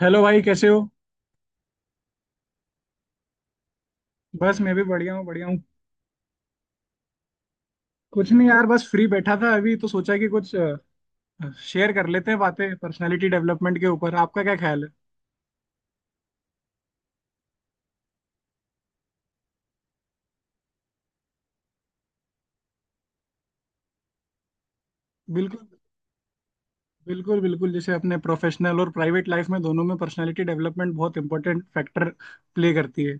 Hello भाई, कैसे हो। बस मैं भी बढ़िया हूँ। कुछ नहीं यार, बस फ्री बैठा था अभी, तो सोचा कि कुछ शेयर कर लेते हैं बातें पर्सनालिटी डेवलपमेंट के ऊपर। आपका क्या ख्याल है। बिल्कुल बिल्कुल बिल्कुल जैसे अपने प्रोफेशनल और प्राइवेट लाइफ में, दोनों में पर्सनालिटी डेवलपमेंट बहुत इंपॉर्टेंट फैक्टर प्ले करती है।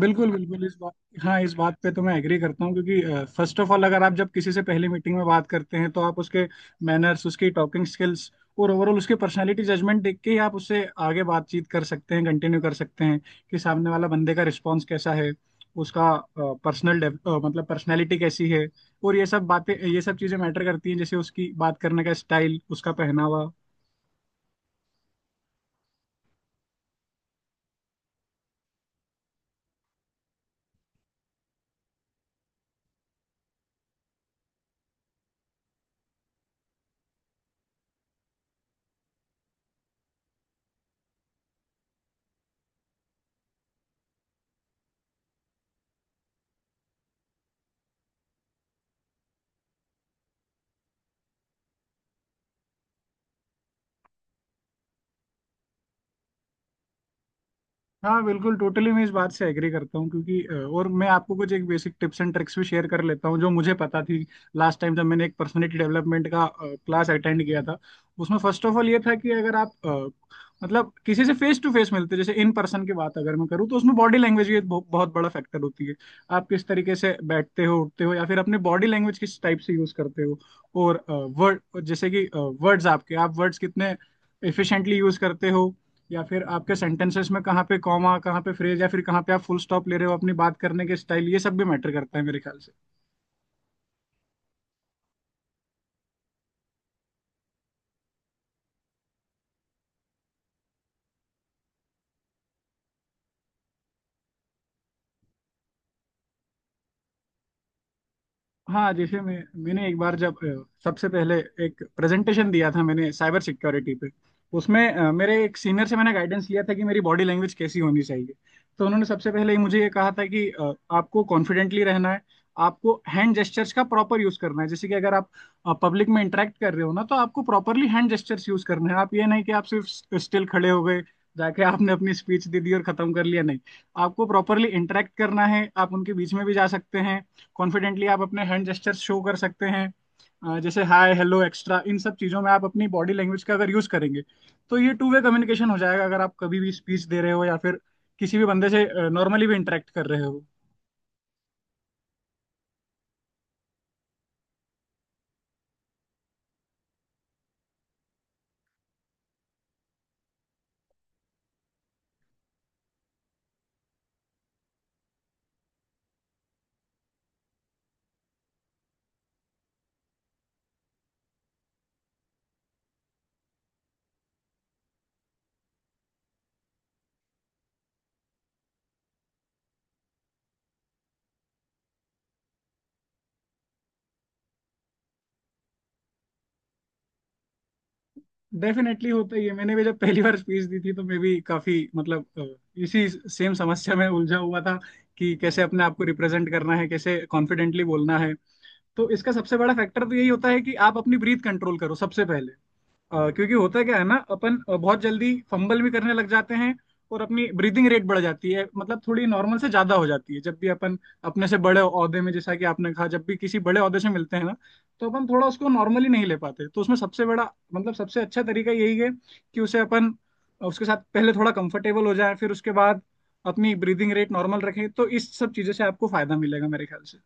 बिल्कुल बिल्कुल इस बात, हाँ, इस बात पे तो मैं एग्री करता हूँ, क्योंकि फर्स्ट ऑफ ऑल अगर आप जब किसी से पहली मीटिंग में बात करते हैं, तो आप उसके मैनर्स, उसकी टॉकिंग स्किल्स, और ओवरऑल उसकी पर्सनालिटी जजमेंट देख के ही आप उससे आगे बातचीत कर सकते हैं, कंटिन्यू कर सकते हैं। कि सामने वाला बंदे का रिस्पॉन्स कैसा है, उसका पर्सनल, मतलब पर्सनैलिटी कैसी है। और ये सब बातें, ये सब चीज़ें मैटर करती हैं, जैसे उसकी बात करने का स्टाइल, उसका पहनावा। हाँ बिल्कुल, टोटली मैं इस बात से एग्री करता हूँ, क्योंकि और मैं आपको कुछ एक बेसिक टिप्स एंड ट्रिक्स भी शेयर कर लेता हूँ जो मुझे पता थी। लास्ट टाइम जब मैंने एक पर्सनालिटी डेवलपमेंट का क्लास अटेंड किया था, उसमें फर्स्ट ऑफ ऑल ये था कि अगर आप मतलब किसी से फेस टू फेस मिलते, जैसे इन पर्सन की बात अगर मैं करूँ, तो उसमें बॉडी लैंग्वेज भी एक बहुत बड़ा फैक्टर होती है। आप किस तरीके से बैठते हो, उठते हो, या फिर अपने बॉडी लैंग्वेज किस टाइप से यूज करते हो। और वर्ड, जैसे कि वर्ड्स आपके आप वर्ड्स कितने एफिशिएंटली यूज करते हो, या फिर आपके सेंटेंसेस में कहाँ पे कॉमा, कहाँ पे फ्रेज, या फिर कहाँ पे आप फुल स्टॉप ले रहे हो अपनी बात करने के स्टाइल, ये सब भी मैटर करता है मेरे ख्याल से। हाँ, जैसे मैंने एक बार जब सबसे पहले एक प्रेजेंटेशन दिया था, मैंने साइबर सिक्योरिटी पे, उसमें मेरे एक सीनियर से मैंने गाइडेंस लिया था कि मेरी बॉडी लैंग्वेज कैसी होनी चाहिए। तो उन्होंने सबसे पहले ही मुझे ये कहा था कि आपको कॉन्फिडेंटली रहना है, आपको हैंड जेस्चर्स का प्रॉपर यूज करना है। जैसे कि अगर आप पब्लिक में इंटरेक्ट कर रहे हो ना, तो आपको प्रॉपरली हैंड जेस्चर्स यूज करना है। आप ये नहीं कि आप सिर्फ स्टिल खड़े हो गए, जाके आपने अपनी स्पीच दे दी और खत्म कर लिया, नहीं। आपको प्रॉपरली इंटरेक्ट करना है, आप उनके बीच में भी जा सकते हैं, कॉन्फिडेंटली आप अपने हैंड जेस्चर्स शो कर सकते हैं। जैसे हाय हेलो एक्स्ट्रा, इन सब चीज़ों में आप अपनी बॉडी लैंग्वेज का अगर यूज करेंगे, तो ये टू वे कम्युनिकेशन हो जाएगा, अगर आप कभी भी स्पीच दे रहे हो, या फिर किसी भी बंदे से नॉर्मली भी इंटरेक्ट कर रहे हो। डेफिनेटली होता ही है, मैंने भी जब पहली बार स्पीच दी थी, तो मैं भी काफी, मतलब इसी सेम समस्या में उलझा हुआ था कि कैसे अपने आप को रिप्रेजेंट करना है, कैसे कॉन्फिडेंटली बोलना है। तो इसका सबसे बड़ा फैक्टर तो यही होता है कि आप अपनी ब्रीथ कंट्रोल करो सबसे पहले। क्योंकि होता क्या है ना, अपन बहुत जल्दी फंबल भी करने लग जाते हैं, और अपनी ब्रीदिंग रेट बढ़ जाती है, मतलब थोड़ी नॉर्मल से ज्यादा हो जाती है जब भी अपन अपने से बड़े ओहदे में, जैसा कि आपने कहा, जब भी किसी बड़े ओहदे से मिलते हैं ना, तो अपन थोड़ा उसको नॉर्मली नहीं ले पाते। तो उसमें सबसे बड़ा, मतलब सबसे अच्छा तरीका यही है कि उसे अपन, उसके साथ पहले थोड़ा कंफर्टेबल हो जाए, फिर उसके बाद अपनी ब्रीदिंग रेट नॉर्मल रखें, तो इस सब चीज़ों से आपको फायदा मिलेगा मेरे ख्याल से।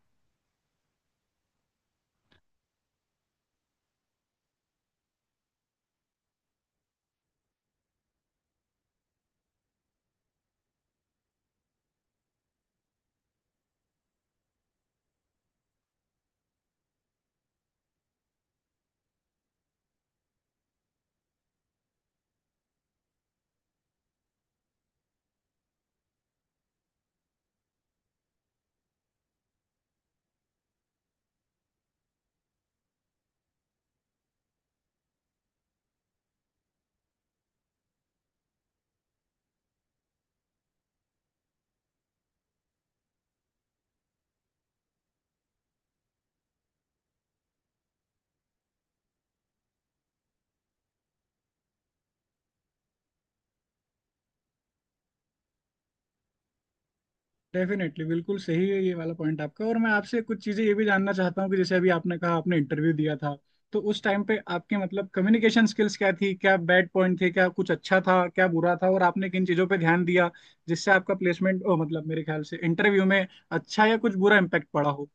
डेफिनेटली, बिल्कुल सही है ये वाला पॉइंट आपका। और मैं आपसे कुछ चीजें ये भी जानना चाहता हूँ कि जैसे अभी आपने कहा, आपने इंटरव्यू दिया था, तो उस टाइम पे आपके, मतलब कम्युनिकेशन स्किल्स क्या थी, क्या बैड पॉइंट थे, क्या कुछ अच्छा था, क्या बुरा था, और आपने किन चीजों पे ध्यान दिया जिससे आपका प्लेसमेंट ओ, मतलब मेरे ख्याल से इंटरव्यू में अच्छा या कुछ बुरा इम्पैक्ट पड़ा हो।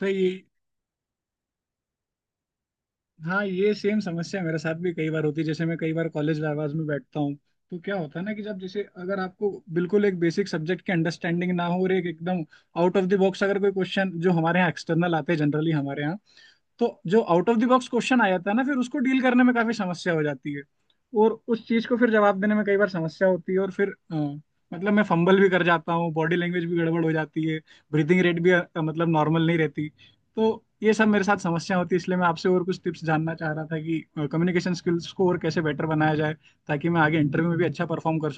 तो ये, हाँ, ये सेम समस्या मेरे साथ भी कई बार होती है। जैसे मैं कई बार कॉलेज आवाज में बैठता हूँ, तो क्या होता है ना, कि जब जैसे अगर आपको बिल्कुल एक बेसिक सब्जेक्ट की अंडरस्टैंडिंग ना हो, और एक एकदम आउट ऑफ द बॉक्स अगर कोई क्वेश्चन, जो हमारे यहाँ एक्सटर्नल आते हैं जनरली हमारे यहाँ, तो जो out of the box question आ जाता है ना, फिर उसको डील करने में काफी समस्या हो जाती है, और उस चीज को फिर जवाब देने में कई बार समस्या होती है। और फिर मतलब मैं फंबल भी कर जाता हूँ, बॉडी लैंग्वेज भी गड़बड़ हो जाती है, ब्रीथिंग रेट भी मतलब नॉर्मल नहीं रहती। तो ये सब मेरे साथ समस्या होती है, इसलिए मैं आपसे और कुछ टिप्स जानना चाह रहा था कि कम्युनिकेशन स्किल्स को और कैसे बेटर बनाया जाए, ताकि मैं आगे इंटरव्यू में भी अच्छा परफॉर्म कर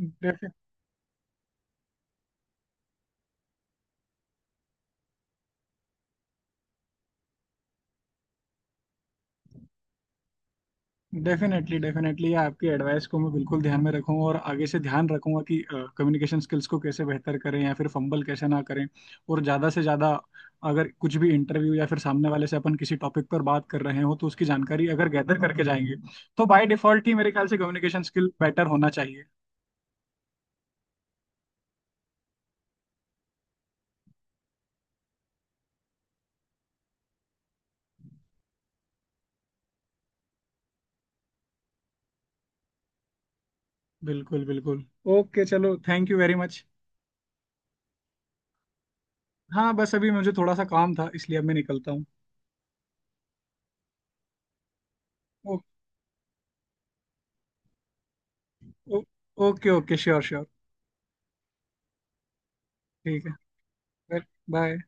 सकूँ। डेफिनेटली डेफिनेटली आपकी एडवाइस को मैं बिल्कुल ध्यान में रखूंगा, और आगे से ध्यान रखूंगा कि कम्युनिकेशन स्किल्स को कैसे बेहतर करें, या फिर फंबल कैसे ना करें। और ज़्यादा से ज़्यादा, अगर कुछ भी इंटरव्यू या फिर सामने वाले से अपन किसी टॉपिक पर बात कर रहे हो, तो उसकी जानकारी अगर गैदर करके जाएंगे, तो बाय डिफॉल्ट ही मेरे ख्याल से कम्युनिकेशन स्किल बेटर होना चाहिए। बिल्कुल बिल्कुल। ओके, चलो, थैंक यू वेरी मच। हाँ, बस अभी मुझे थोड़ा सा काम था, इसलिए अब मैं निकलता हूँ। ओ, ओ, ओके ओके, श्योर श्योर। ठीक है, बाय।